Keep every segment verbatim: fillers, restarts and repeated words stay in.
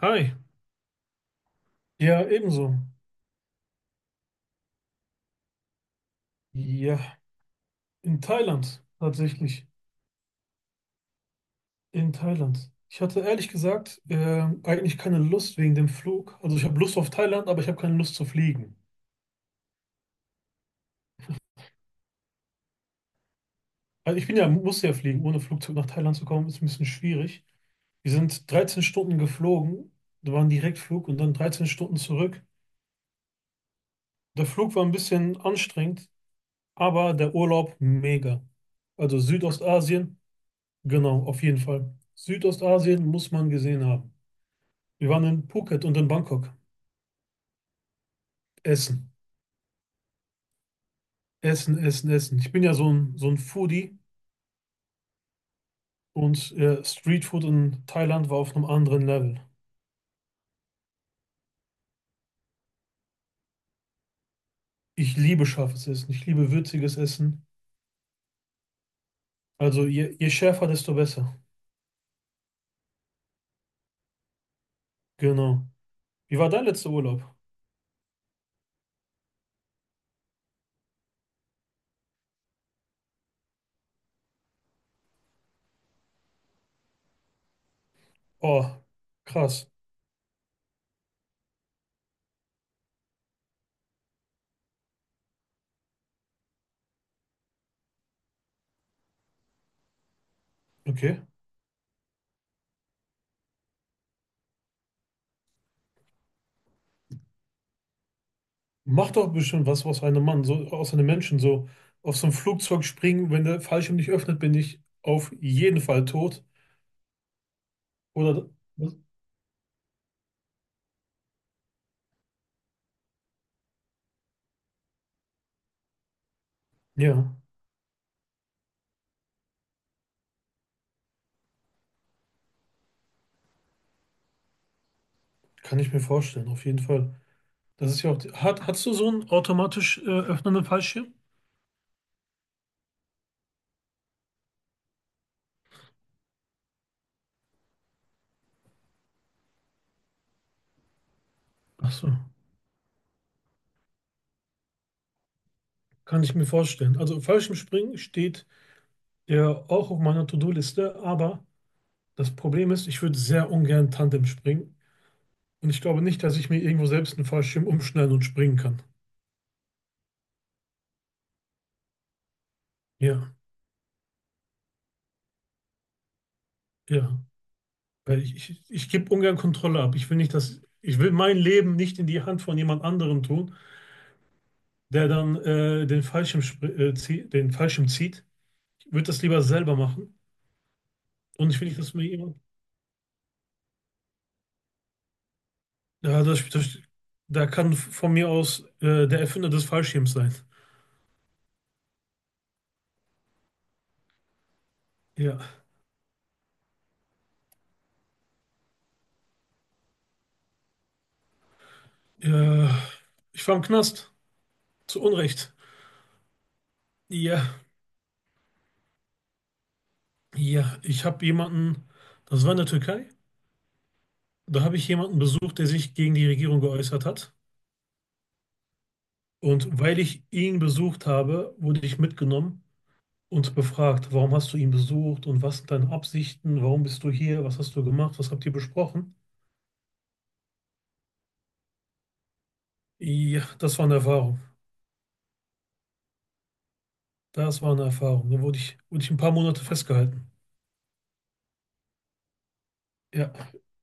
Hi, ja, ebenso. Ja, in Thailand, tatsächlich. In Thailand. Ich hatte ehrlich gesagt ähm, eigentlich keine Lust wegen dem Flug. Also ich habe Lust auf Thailand, aber ich habe keine Lust zu fliegen. Also ich bin ja, muss ja fliegen. Ohne Flugzeug nach Thailand zu kommen, ist ein bisschen schwierig. Wir sind dreizehn Stunden geflogen. Da war ein Direktflug und dann dreizehn Stunden zurück. Der Flug war ein bisschen anstrengend, aber der Urlaub mega. Also Südostasien, genau, auf jeden Fall. Südostasien muss man gesehen haben. Wir waren in Phuket und in Bangkok. Essen, Essen, Essen, Essen. Ich bin ja so ein, so ein Foodie und äh, Streetfood in Thailand war auf einem anderen Level. Ich liebe scharfes Essen, ich liebe würziges Essen. Also je, je schärfer, desto besser. Genau. Wie war dein letzter Urlaub? Oh, krass. Okay. Mach doch bestimmt was aus einem Mann, so aus einem Menschen, so auf so ein Flugzeug springen. Wenn der Fallschirm nicht öffnet, bin ich auf jeden Fall tot. Oder ja, kann ich mir vorstellen, auf jeden Fall. Das ist ja auch. die- Hat, hast du so einen automatisch äh, öffnenden Fallschirm? Ach so, kann ich mir vorstellen. Also Fallschirmspringen steht ja auch auf meiner To-Do-Liste, aber das Problem ist, ich würde sehr ungern Tandem springen und ich glaube nicht, dass ich mir irgendwo selbst einen Fallschirm umschneiden und springen kann. Ja, ja, weil ich, ich, ich gebe ungern Kontrolle ab. Ich will nicht, dass ich will mein Leben nicht in die Hand von jemand anderem tun, der dann äh, den Fallschirm, spr- äh, zieh, den Fallschirm zieht. Ich würde das lieber selber machen, und ich will nicht, dass mir jemand. Ja, das, das, da kann von mir aus äh, der Erfinder des Fallschirms sein. Ja. Äh, ich war im Knast. Zu Unrecht. Ja, ja. Ich habe jemanden, das war in der Türkei, da habe ich jemanden besucht, der sich gegen die Regierung geäußert hat. Und weil ich ihn besucht habe, wurde ich mitgenommen und befragt: Warum hast du ihn besucht, und was sind deine Absichten, warum bist du hier, was hast du gemacht, was habt ihr besprochen? Ja, das war eine Erfahrung. Das war eine Erfahrung. Da wurde ich, wurde ich ein paar Monate festgehalten. Ja,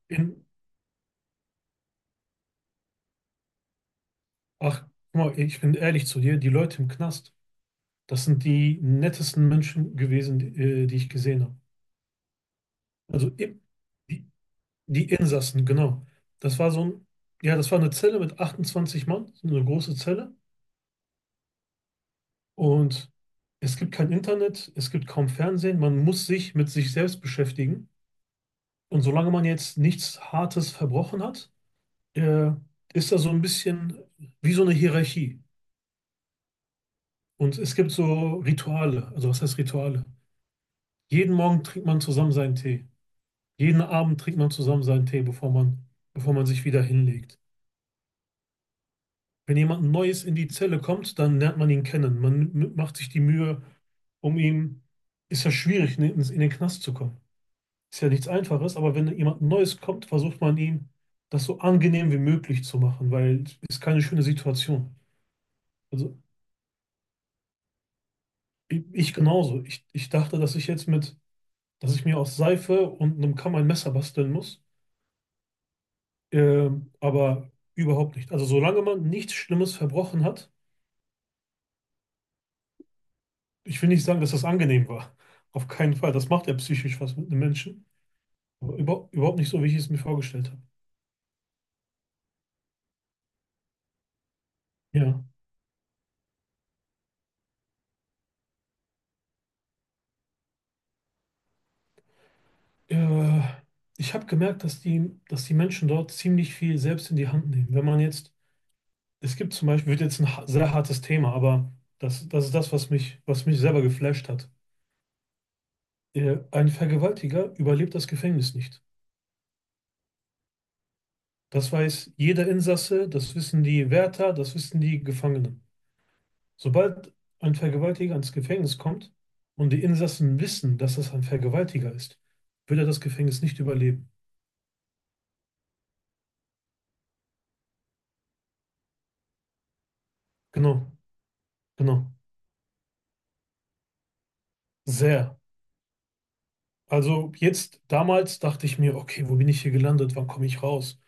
in, ach, guck mal, ich bin ehrlich zu dir, die Leute im Knast, das sind die nettesten Menschen gewesen, die, äh, die ich gesehen habe. Also im, die, die Insassen, genau. Das war so ein, ja, das war eine Zelle mit achtundzwanzig Mann, so eine große Zelle. Und es gibt kein Internet, es gibt kaum Fernsehen, man muss sich mit sich selbst beschäftigen. Und solange man jetzt nichts Hartes verbrochen hat, äh, ist da so ein bisschen wie so eine Hierarchie. Und es gibt so Rituale. Also, was heißt Rituale? Jeden Morgen trinkt man zusammen seinen Tee. Jeden Abend trinkt man zusammen seinen Tee, bevor man, bevor man sich wieder hinlegt. Wenn jemand Neues in die Zelle kommt, dann lernt man ihn kennen. Man m- macht sich die Mühe um ihn. Ist ja schwierig, in in- in den Knast zu kommen. Ist ja nichts Einfaches, aber wenn jemand Neues kommt, versucht man, ihm das so angenehm wie möglich zu machen, weil es ist keine schöne Situation. Also, ich ich genauso. Ich, ich dachte, dass ich jetzt mit dass ich mir aus Seife und einem Kamm ein Messer basteln muss. Ähm, aber überhaupt nicht. Also solange man nichts Schlimmes verbrochen hat, ich will nicht sagen, dass das angenehm war. Auf keinen Fall. Das macht ja psychisch was mit einem Menschen. Aber über, überhaupt nicht so, wie ich es mir vorgestellt habe. Ja. Äh, ich habe gemerkt, dass die, dass die Menschen dort ziemlich viel selbst in die Hand nehmen. Wenn man jetzt, es gibt zum Beispiel, wird jetzt ein ha- sehr hartes Thema, aber das, das ist das, was mich, was mich selber geflasht hat. Äh, ein Vergewaltiger überlebt das Gefängnis nicht. Das weiß jeder Insasse, das wissen die Wärter, das wissen die Gefangenen. Sobald ein Vergewaltiger ins Gefängnis kommt und die Insassen wissen, dass das ein Vergewaltiger ist, wird er das Gefängnis nicht überleben. Genau, genau. Sehr. Also jetzt, damals dachte ich mir: Okay, wo bin ich hier gelandet? Wann komme ich raus?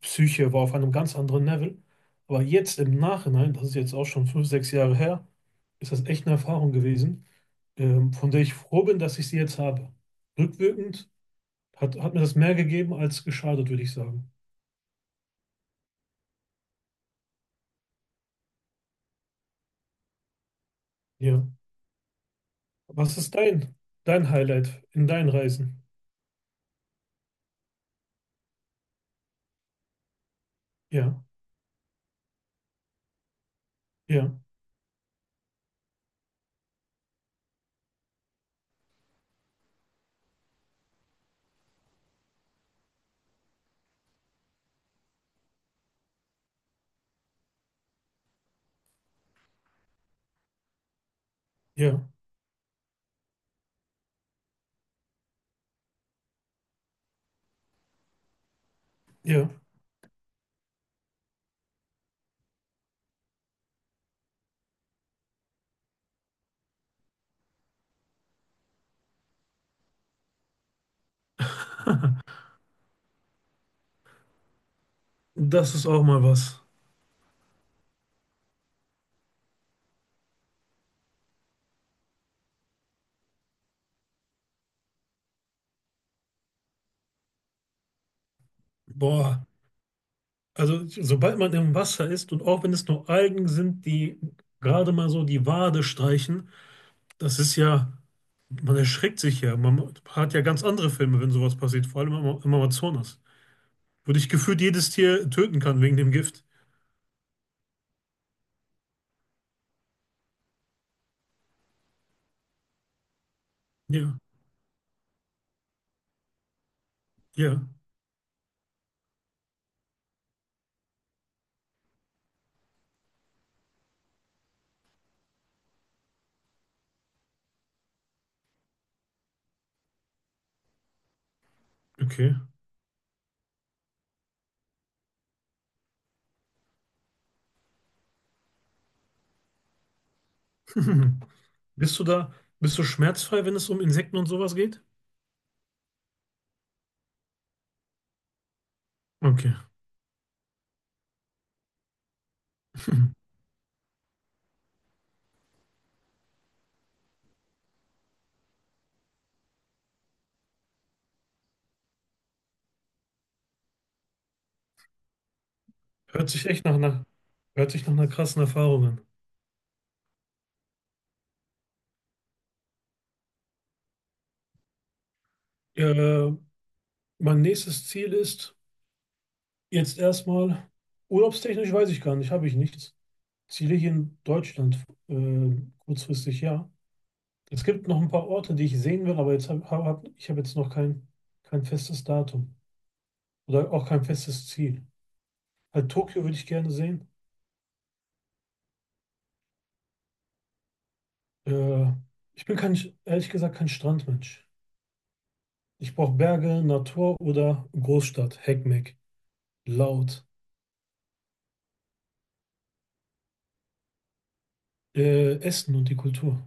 Psyche war auf einem ganz anderen Level. Aber jetzt im Nachhinein, das ist jetzt auch schon fünf, sechs Jahre her, ist das echt eine Erfahrung gewesen, ähm, von der ich froh bin, dass ich sie jetzt habe. Rückwirkend Hat, hat mir das mehr gegeben als geschadet, würde ich sagen. Ja. Was ist dein, dein Highlight in deinen Reisen? Ja, ja, ja, ja. Das ist auch mal was. Boah. Also, sobald man im Wasser ist, und auch wenn es nur Algen sind, die gerade mal so die Wade streichen, das ist ja, man erschreckt sich ja. Man hat ja ganz andere Filme, wenn sowas passiert, vor allem im, Ama- im Amazonas, wo dich gefühlt jedes Tier töten kann wegen dem Gift. Ja, ja, okay. Bist du da, bist du schmerzfrei, wenn es um Insekten und sowas geht? Okay. Hört sich echt nach einer, Hört sich nach einer krassen Erfahrung an. Äh, mein nächstes Ziel ist jetzt erstmal, urlaubstechnisch weiß ich gar nicht, habe ich nichts. Ziele hier in Deutschland, äh, kurzfristig ja. Es gibt noch ein paar Orte, die ich sehen will, aber jetzt hab, hab, hab, ich habe jetzt noch kein, kein festes Datum oder auch kein festes Ziel. Halt Tokio würde ich gerne sehen. Äh, ich bin kein, ehrlich gesagt kein Strandmensch. Ich brauche Berge, Natur oder Großstadt, Heckmeck, laut, äh, Essen und die Kultur.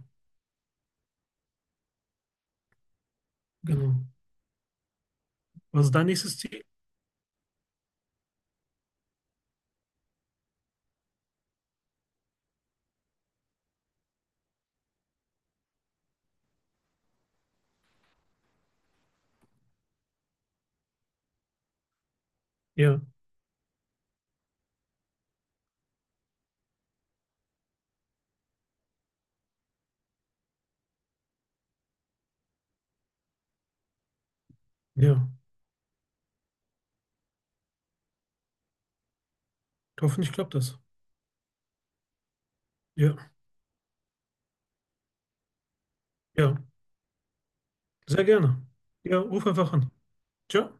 Genau. Was ist dein nächstes Ziel? Ja, ja. Hoffentlich klappt das. Ja, ja. Sehr gerne. Ja, ruf einfach an. Ciao.